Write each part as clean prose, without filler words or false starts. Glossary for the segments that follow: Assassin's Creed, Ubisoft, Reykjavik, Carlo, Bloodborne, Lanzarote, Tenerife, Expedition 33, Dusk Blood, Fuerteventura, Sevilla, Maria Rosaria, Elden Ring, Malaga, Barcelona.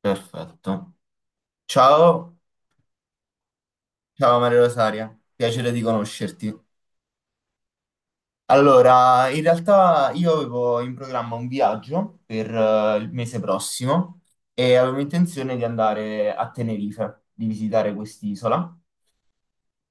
Perfetto. Ciao, ciao Maria Rosaria, piacere di conoscerti. Allora, in realtà io avevo in programma un viaggio per il mese prossimo e avevo intenzione di andare a Tenerife, di visitare quest'isola.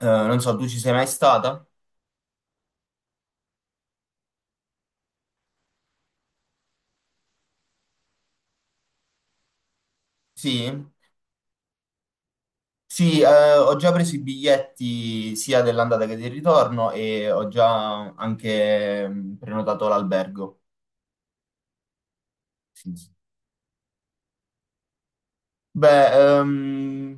Non so, tu ci sei mai stata? Sì? Sì, ho già preso i biglietti sia dell'andata che del ritorno e ho già anche prenotato l'albergo. Sì. Sì. Beh,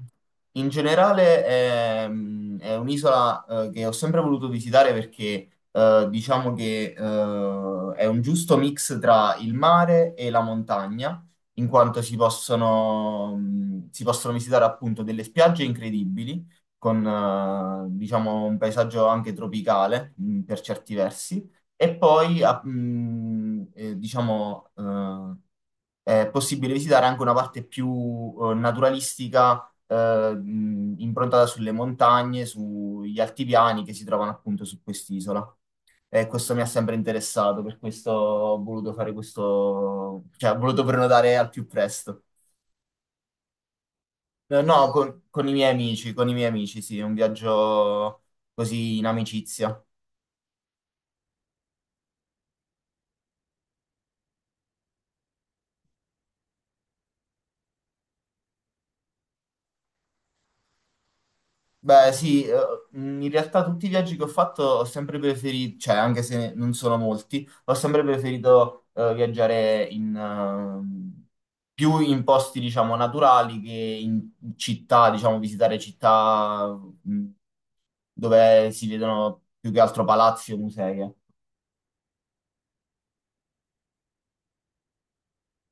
in generale è un'isola che ho sempre voluto visitare perché diciamo che è un giusto mix tra il mare e la montagna, in quanto si si possono visitare appunto delle spiagge incredibili, con diciamo un paesaggio anche tropicale per certi versi, e poi diciamo è possibile visitare anche una parte più naturalistica, improntata sulle montagne, sugli altipiani che si trovano appunto su quest'isola. E questo mi ha sempre interessato, per questo ho voluto fare questo, cioè ho voluto prenotare al più presto. No, con i miei amici, con i miei amici, sì, è un viaggio così in amicizia. Beh, sì, in realtà tutti i viaggi che ho fatto ho sempre preferito, cioè anche se non sono molti, ho sempre preferito viaggiare in, più in posti, diciamo, naturali che in città, diciamo, visitare città mh, dove si vedono più che altro palazzi o musei. Eh.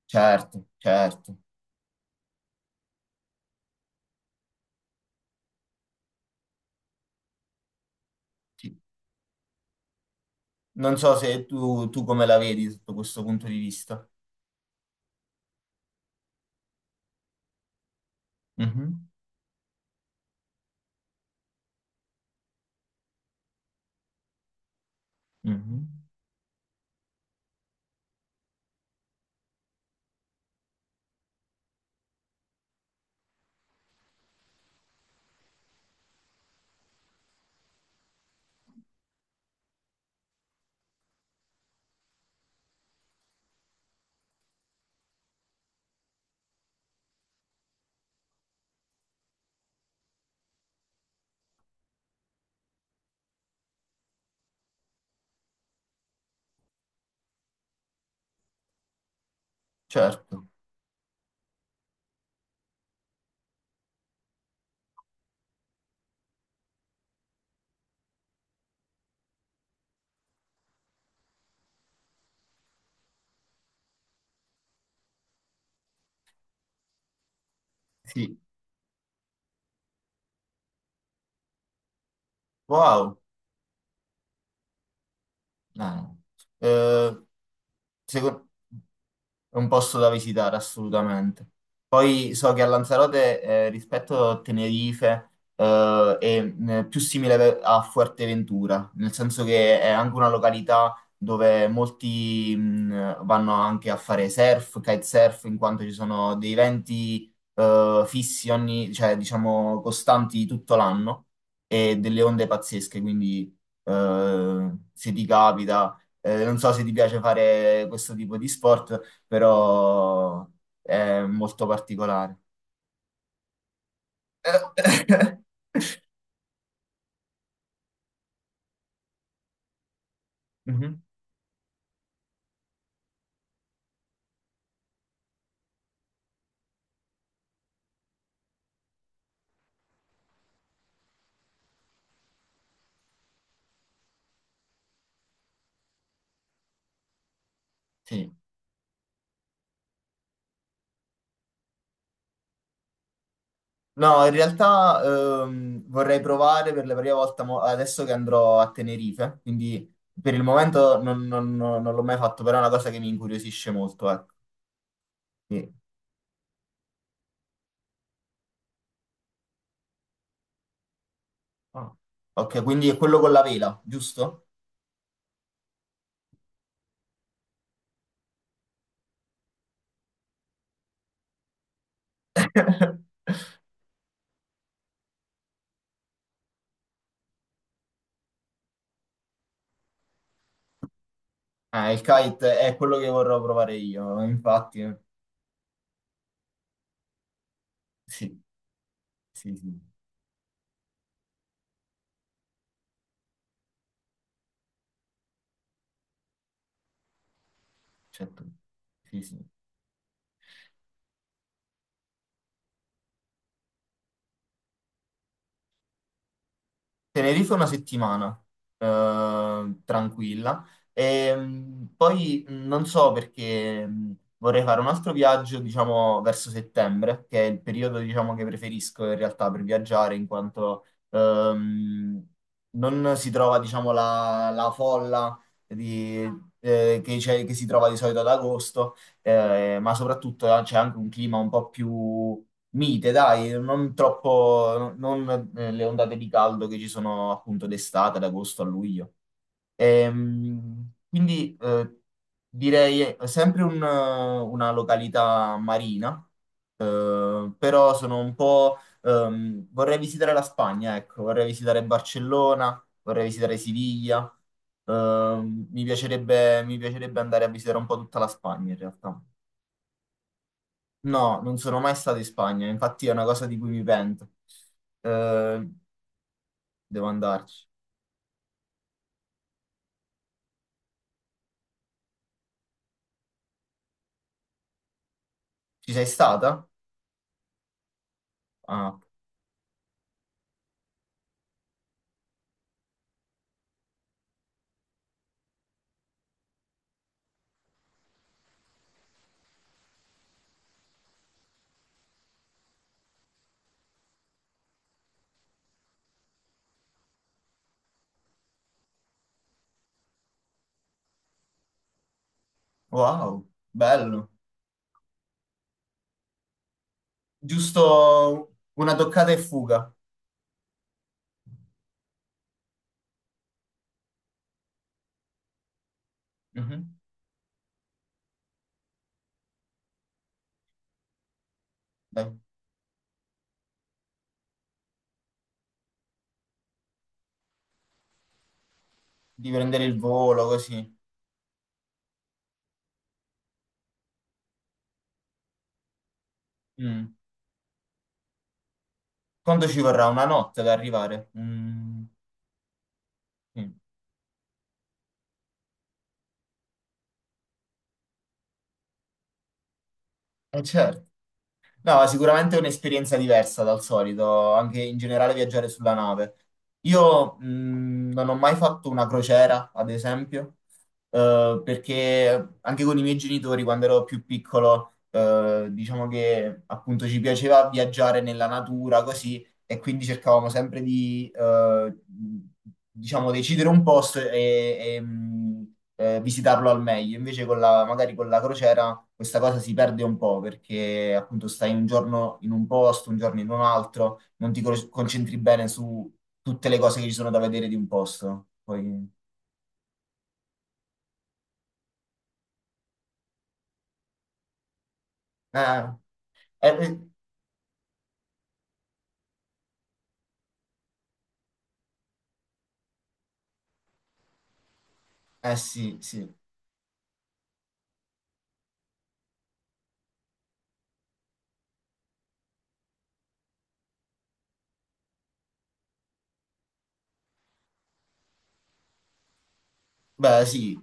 Certo, certo. Sì. Non so se tu come la vedi sotto questo punto di vista. Mhm. Mhm. Certo, sì. Wow. Ah. Eh, secondo... È un posto da visitare assolutamente. Poi so che a Lanzarote, rispetto a Tenerife, è più simile a Fuerteventura, nel senso che è anche una località dove molti vanno anche a fare surf, kitesurf, in quanto ci sono dei venti fissi ogni, cioè diciamo costanti tutto l'anno e delle onde pazzesche, quindi se ti capita, non so se ti piace fare questo tipo di sport, però è molto particolare. Mhm. Sì. No, in realtà vorrei provare per la prima volta adesso che andrò a Tenerife, quindi per il momento non l'ho mai fatto, però è una cosa che mi incuriosisce molto, ecco. Sì. Ah. Ok, quindi è quello con la vela, giusto? Ah, il kite è quello che vorrò provare io, infatti, sì, sì, sì, certo, sì, sì. Tenerife una settimana, tranquilla. E, poi non so perché vorrei fare un altro viaggio, diciamo, verso settembre, che è il periodo, diciamo, che preferisco in realtà per viaggiare, in quanto non si trova, diciamo, la folla di- che, che si trova di solito ad agosto, ma soprattutto c'è anche un clima un po' più mite, dai, non troppo, non le ondate di caldo che ci sono appunto d'estate, ad agosto a luglio. Ehm, quindi eh, direi sempre una località marina, però sono un po'... vorrei visitare la Spagna, ecco, vorrei visitare Barcellona, vorrei visitare Siviglia, mi piacerebbe andare a visitare un po' tutta la Spagna in realtà. No, non sono mai stato in Spagna, infatti è una cosa di cui mi pento. Eh, devo andarci. Ci sei stata? Ah, wow, bello. Giusto una toccata e fuga. Mhm. Dai, di prendere il volo così. Mm. Quanto ci vorrà? Una notte ad arrivare? Mm. Sì. Certo. No, sicuramente è un'esperienza diversa dal solito, anche in generale viaggiare sulla nave. Io non ho mai fatto una crociera, ad esempio, perché anche con i miei genitori, quando ero più piccolo, diciamo che appunto ci piaceva viaggiare nella natura, così, e quindi cercavamo sempre diciamo, decidere un posto e visitarlo al meglio. Invece con la, magari con la crociera questa cosa si perde un po' perché appunto stai un giorno in un posto, un giorno in un altro, non ti concentri bene su tutte le cose che ci sono da vedere di un posto. Poi, eh, eh, eh, sì, sì, beh sì,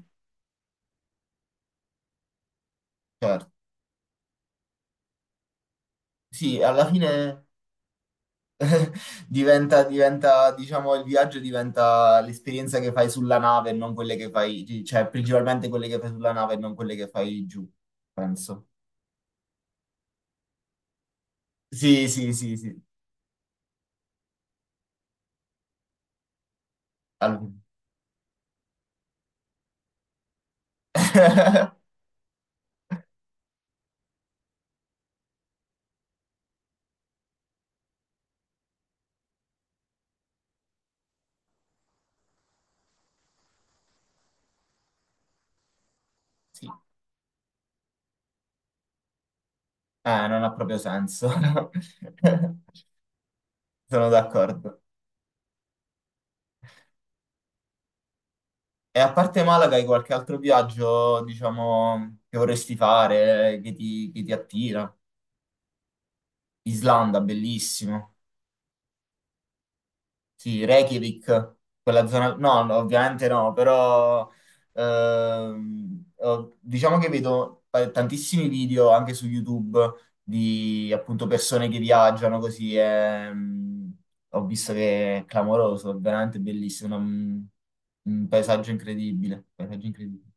certo. Sì, alla fine diciamo, il viaggio diventa l'esperienza che fai sulla nave e non quelle che fai, cioè principalmente quelle che fai sulla nave e non quelle che fai giù, penso. Sì, sì, sì, sì. Al- Sì. Non ha proprio senso. Sono d'accordo. E a parte Malaga, hai qualche altro viaggio, diciamo, che vorresti fare, che che ti attira? Islanda, bellissimo. Sì, Reykjavik, quella zona... No, no, ovviamente no, però diciamo che vedo tantissimi video anche su YouTube di appunto persone che viaggiano così e ho visto che è clamoroso, è veramente bellissimo, un paesaggio incredibile, paesaggio incredibile.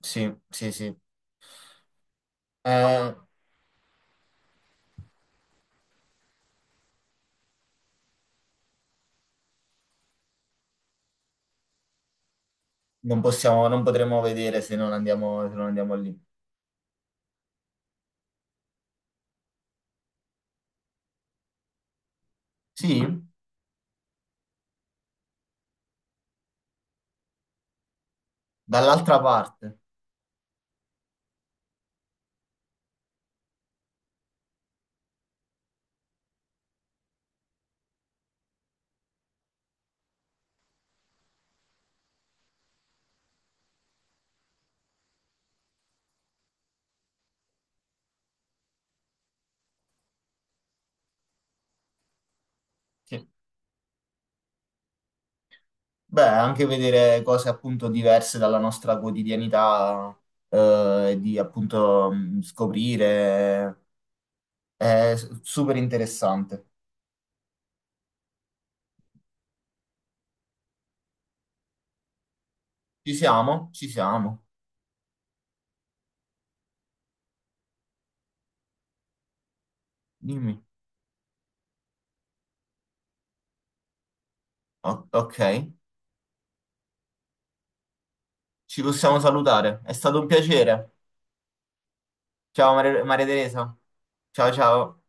Sì, sì, sì. Eh, non possiamo, non potremo vedere se non andiamo, se non andiamo lì. Sì, dall'altra parte. Sì. Beh, anche vedere cose appunto diverse dalla nostra quotidianità, e di appunto scoprire, è super interessante. Ci siamo? Ci siamo. Dimmi. Ok, ci possiamo salutare. È stato un piacere. Ciao Maria Teresa. Ciao ciao.